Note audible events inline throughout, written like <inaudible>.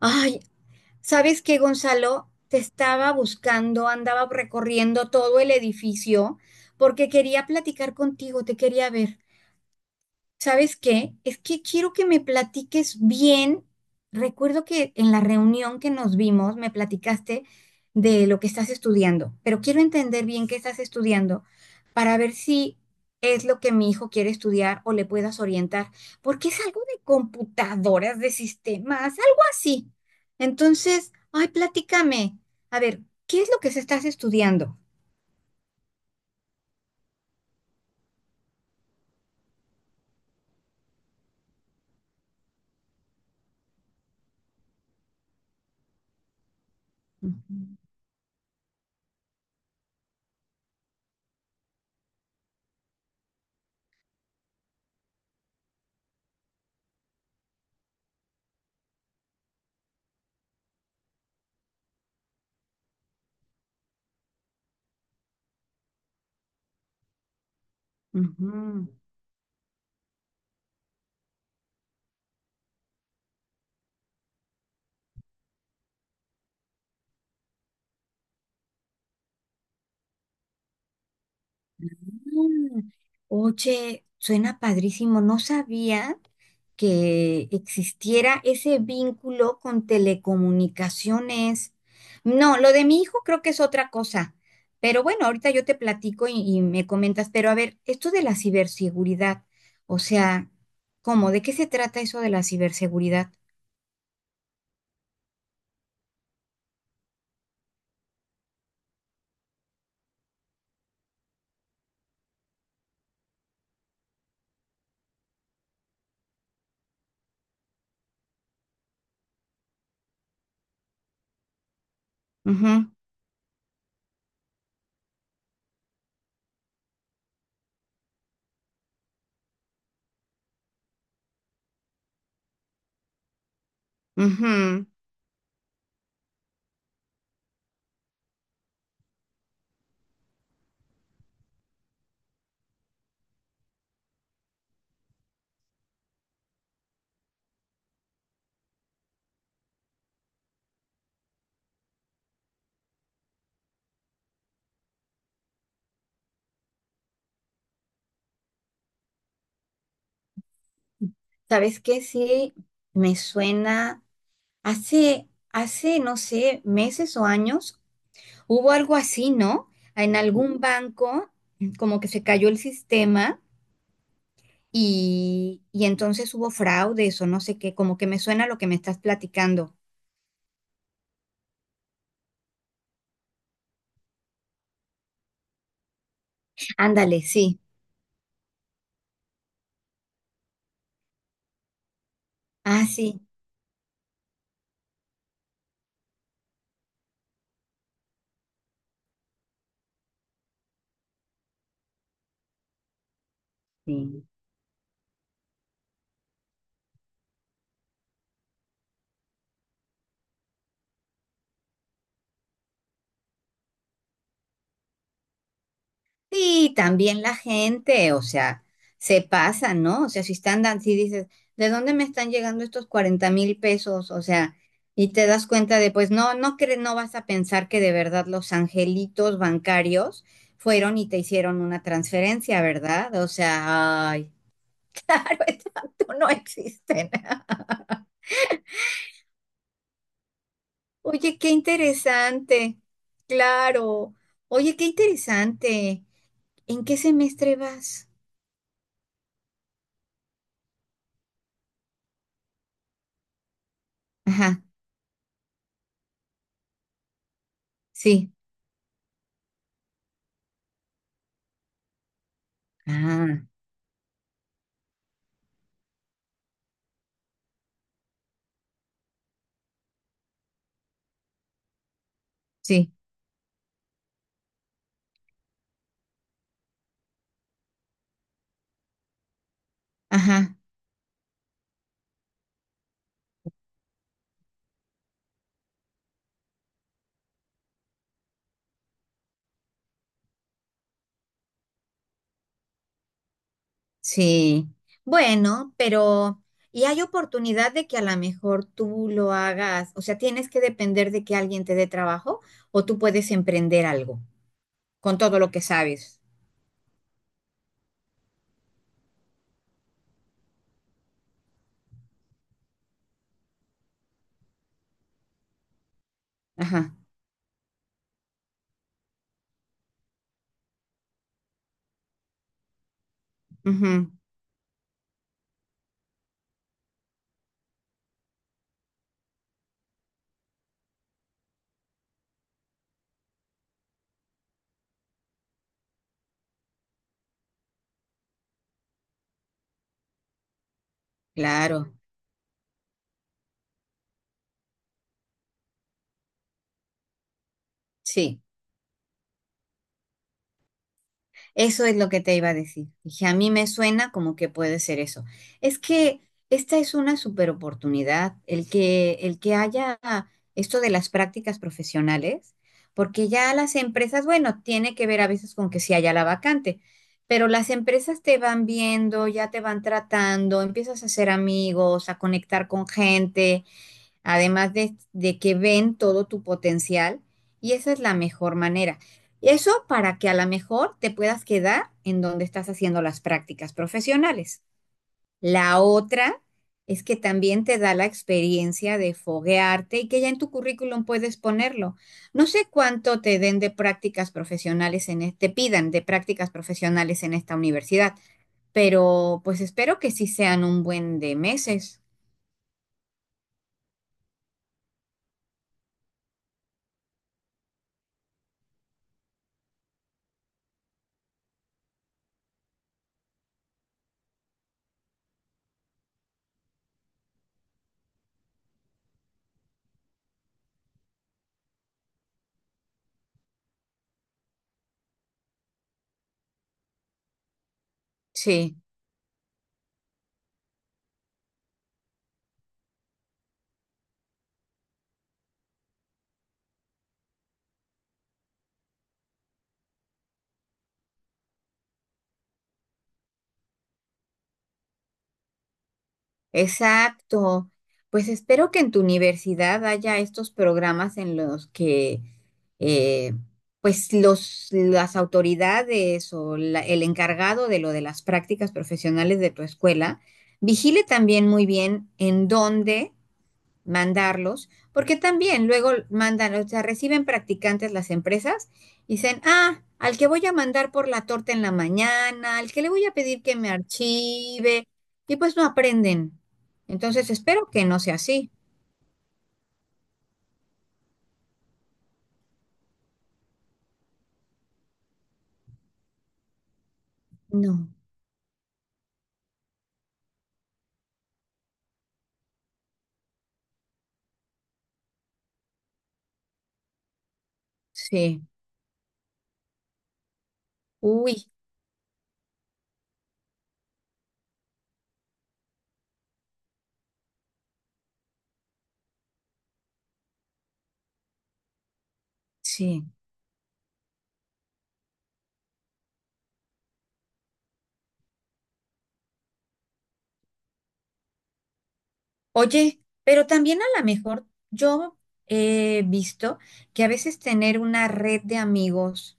Ay, ¿sabes qué, Gonzalo? Te estaba buscando, andaba recorriendo todo el edificio porque quería platicar contigo, te quería ver. ¿Sabes qué? Es que quiero que me platiques bien. Recuerdo que en la reunión que nos vimos me platicaste de lo que estás estudiando, pero quiero entender bien qué estás estudiando para ver si es lo que mi hijo quiere estudiar o le puedas orientar, porque es algo de computadoras, de sistemas, algo así. Entonces, ay, platícame. A ver, ¿qué es lo que se estás estudiando? Ujú, ujú. Mm, oye, suena padrísimo. No sabía que existiera ese vínculo con telecomunicaciones. No, lo de mi hijo creo que es otra cosa. Pero bueno, ahorita yo te platico y me comentas. Pero a ver, esto de la ciberseguridad, o sea, ¿cómo? ¿De qué se trata eso de la ciberseguridad? Ujú, ujú. ¿Sabes qué? Sí, me suena. Hace, no sé, meses o años. Hubo algo así, ¿no? En algún banco, como que se cayó el sistema y entonces hubo fraudes o no sé qué, como que me suena lo que me estás platicando. Ándale, sí. Ah, sí. Sí, también la gente, o sea, se pasa, ¿no? O sea, si están, si dices, ¿de dónde me están llegando estos 40,000 pesos? O sea, y te das cuenta de, pues no, no vas a pensar que de verdad los angelitos bancarios fueron y te hicieron una transferencia, ¿verdad? O sea, ay, <laughs> claro, exacto, no existen. Oye, qué interesante, claro. Oye, qué interesante. ¿En qué semestre vas? Ajá, sí. Ah, sí. Ajá, sí. Bueno, pero y hay oportunidad de que a lo mejor tú lo hagas, o sea, tienes que depender de que alguien te dé trabajo o tú puedes emprender algo con todo lo que sabes. Ajá, ujú, claro, sí. Eso es lo que te iba a decir. Dije, a mí me suena como que puede ser eso. Es que esta es una super oportunidad, el que haya esto de las prácticas profesionales, porque ya las empresas, bueno, tiene que ver a veces con que si haya la vacante, pero las empresas te van viendo, ya te van tratando, empiezas a hacer amigos, a conectar con gente además de que ven todo tu potencial y esa es la mejor manera. Eso para que a lo mejor te puedas quedar en donde estás haciendo las prácticas profesionales. La otra es que también te da la experiencia de foguearte y que ya en tu currículum puedes ponerlo. No sé cuánto te den de prácticas profesionales te pidan de prácticas profesionales en esta universidad, pero pues espero que sí sean un buen de meses. Sí. Exacto. Pues espero que en tu universidad haya estos programas en los que eh, pues los, las autoridades o el encargado de lo de las prácticas profesionales de tu escuela vigile también muy bien en dónde mandarlos, porque también luego mandan, o sea, reciben practicantes las empresas y dicen, ah, al que voy a mandar por la torta en la mañana, al que le voy a pedir que me archive, y pues no aprenden. Entonces, espero que no sea así. No, sí, uy, sí. Oye, pero también a lo mejor yo he visto que a veces tener una red de amigos,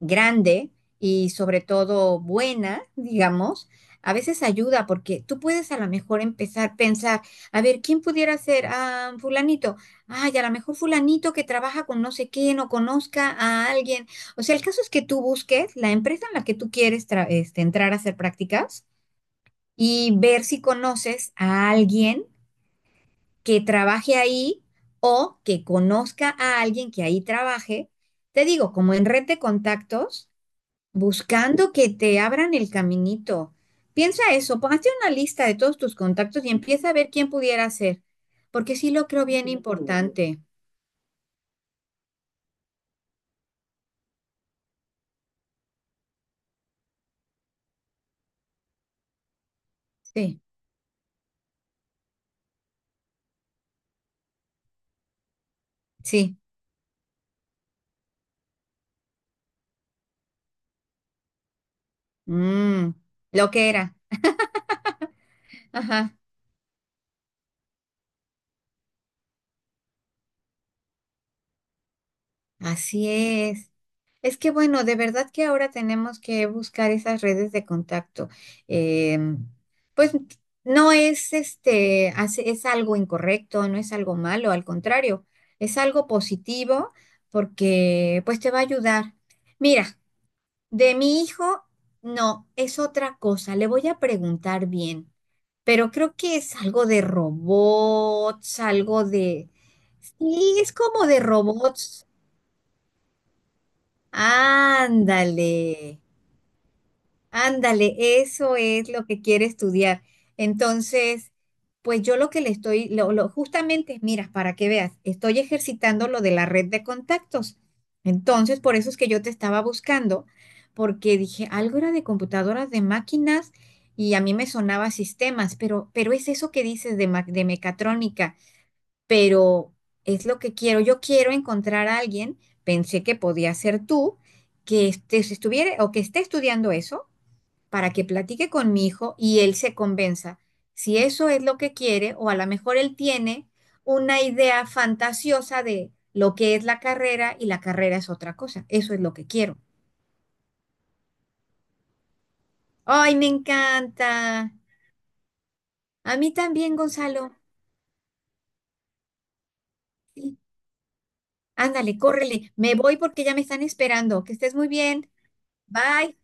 grande y sobre todo buena, digamos, a veces ayuda porque tú puedes a lo mejor empezar a pensar, a ver, ¿quién pudiera ser? Ah, fulanito. Ay, a lo mejor fulanito que trabaja con no sé quién o conozca a alguien. O sea, el caso es que tú busques la empresa en la que tú quieres este, entrar a hacer prácticas y ver si conoces a alguien que trabaje ahí o que conozca a alguien que ahí trabaje. Te digo, como en red de contactos. Buscando que te abran el caminito. Piensa eso, hazte una lista de todos tus contactos y empieza a ver quién pudiera ser, porque sí lo creo bien importante. Sí, sí. Mm, lo que era. Ajá, así es. Es que bueno, de verdad que ahora tenemos que buscar esas redes de contacto. Em, pues no es este, es algo incorrecto, no es algo malo, al contrario, es algo positivo porque pues te va a ayudar. Mira, de mi hijo, no, es otra cosa, le voy a preguntar bien, pero creo que es algo de robots, algo de... Sí, es como de robots. Ándale. Ándale, eso es lo que quiere estudiar. Entonces, pues yo lo que le estoy, justamente, mira, para que veas, estoy ejercitando lo de la red de contactos. Entonces, por eso es que yo te estaba buscando, porque dije, algo era de computadoras, de máquinas, y a mí me sonaba sistemas, pero es eso que dices de, de mecatrónica, pero es lo que quiero. Yo quiero encontrar a alguien, pensé que podía ser tú, que estuviera o que esté estudiando eso para que platique con mi hijo y él se convenza si eso es lo que quiere o a lo mejor él tiene una idea fantasiosa de lo que es la carrera y la carrera es otra cosa. Eso es lo que quiero. ¡Ay, me encanta! A mí también, Gonzalo. Sí, ándale, córrele. Me voy porque ya me están esperando. Que estés muy bien. Bye.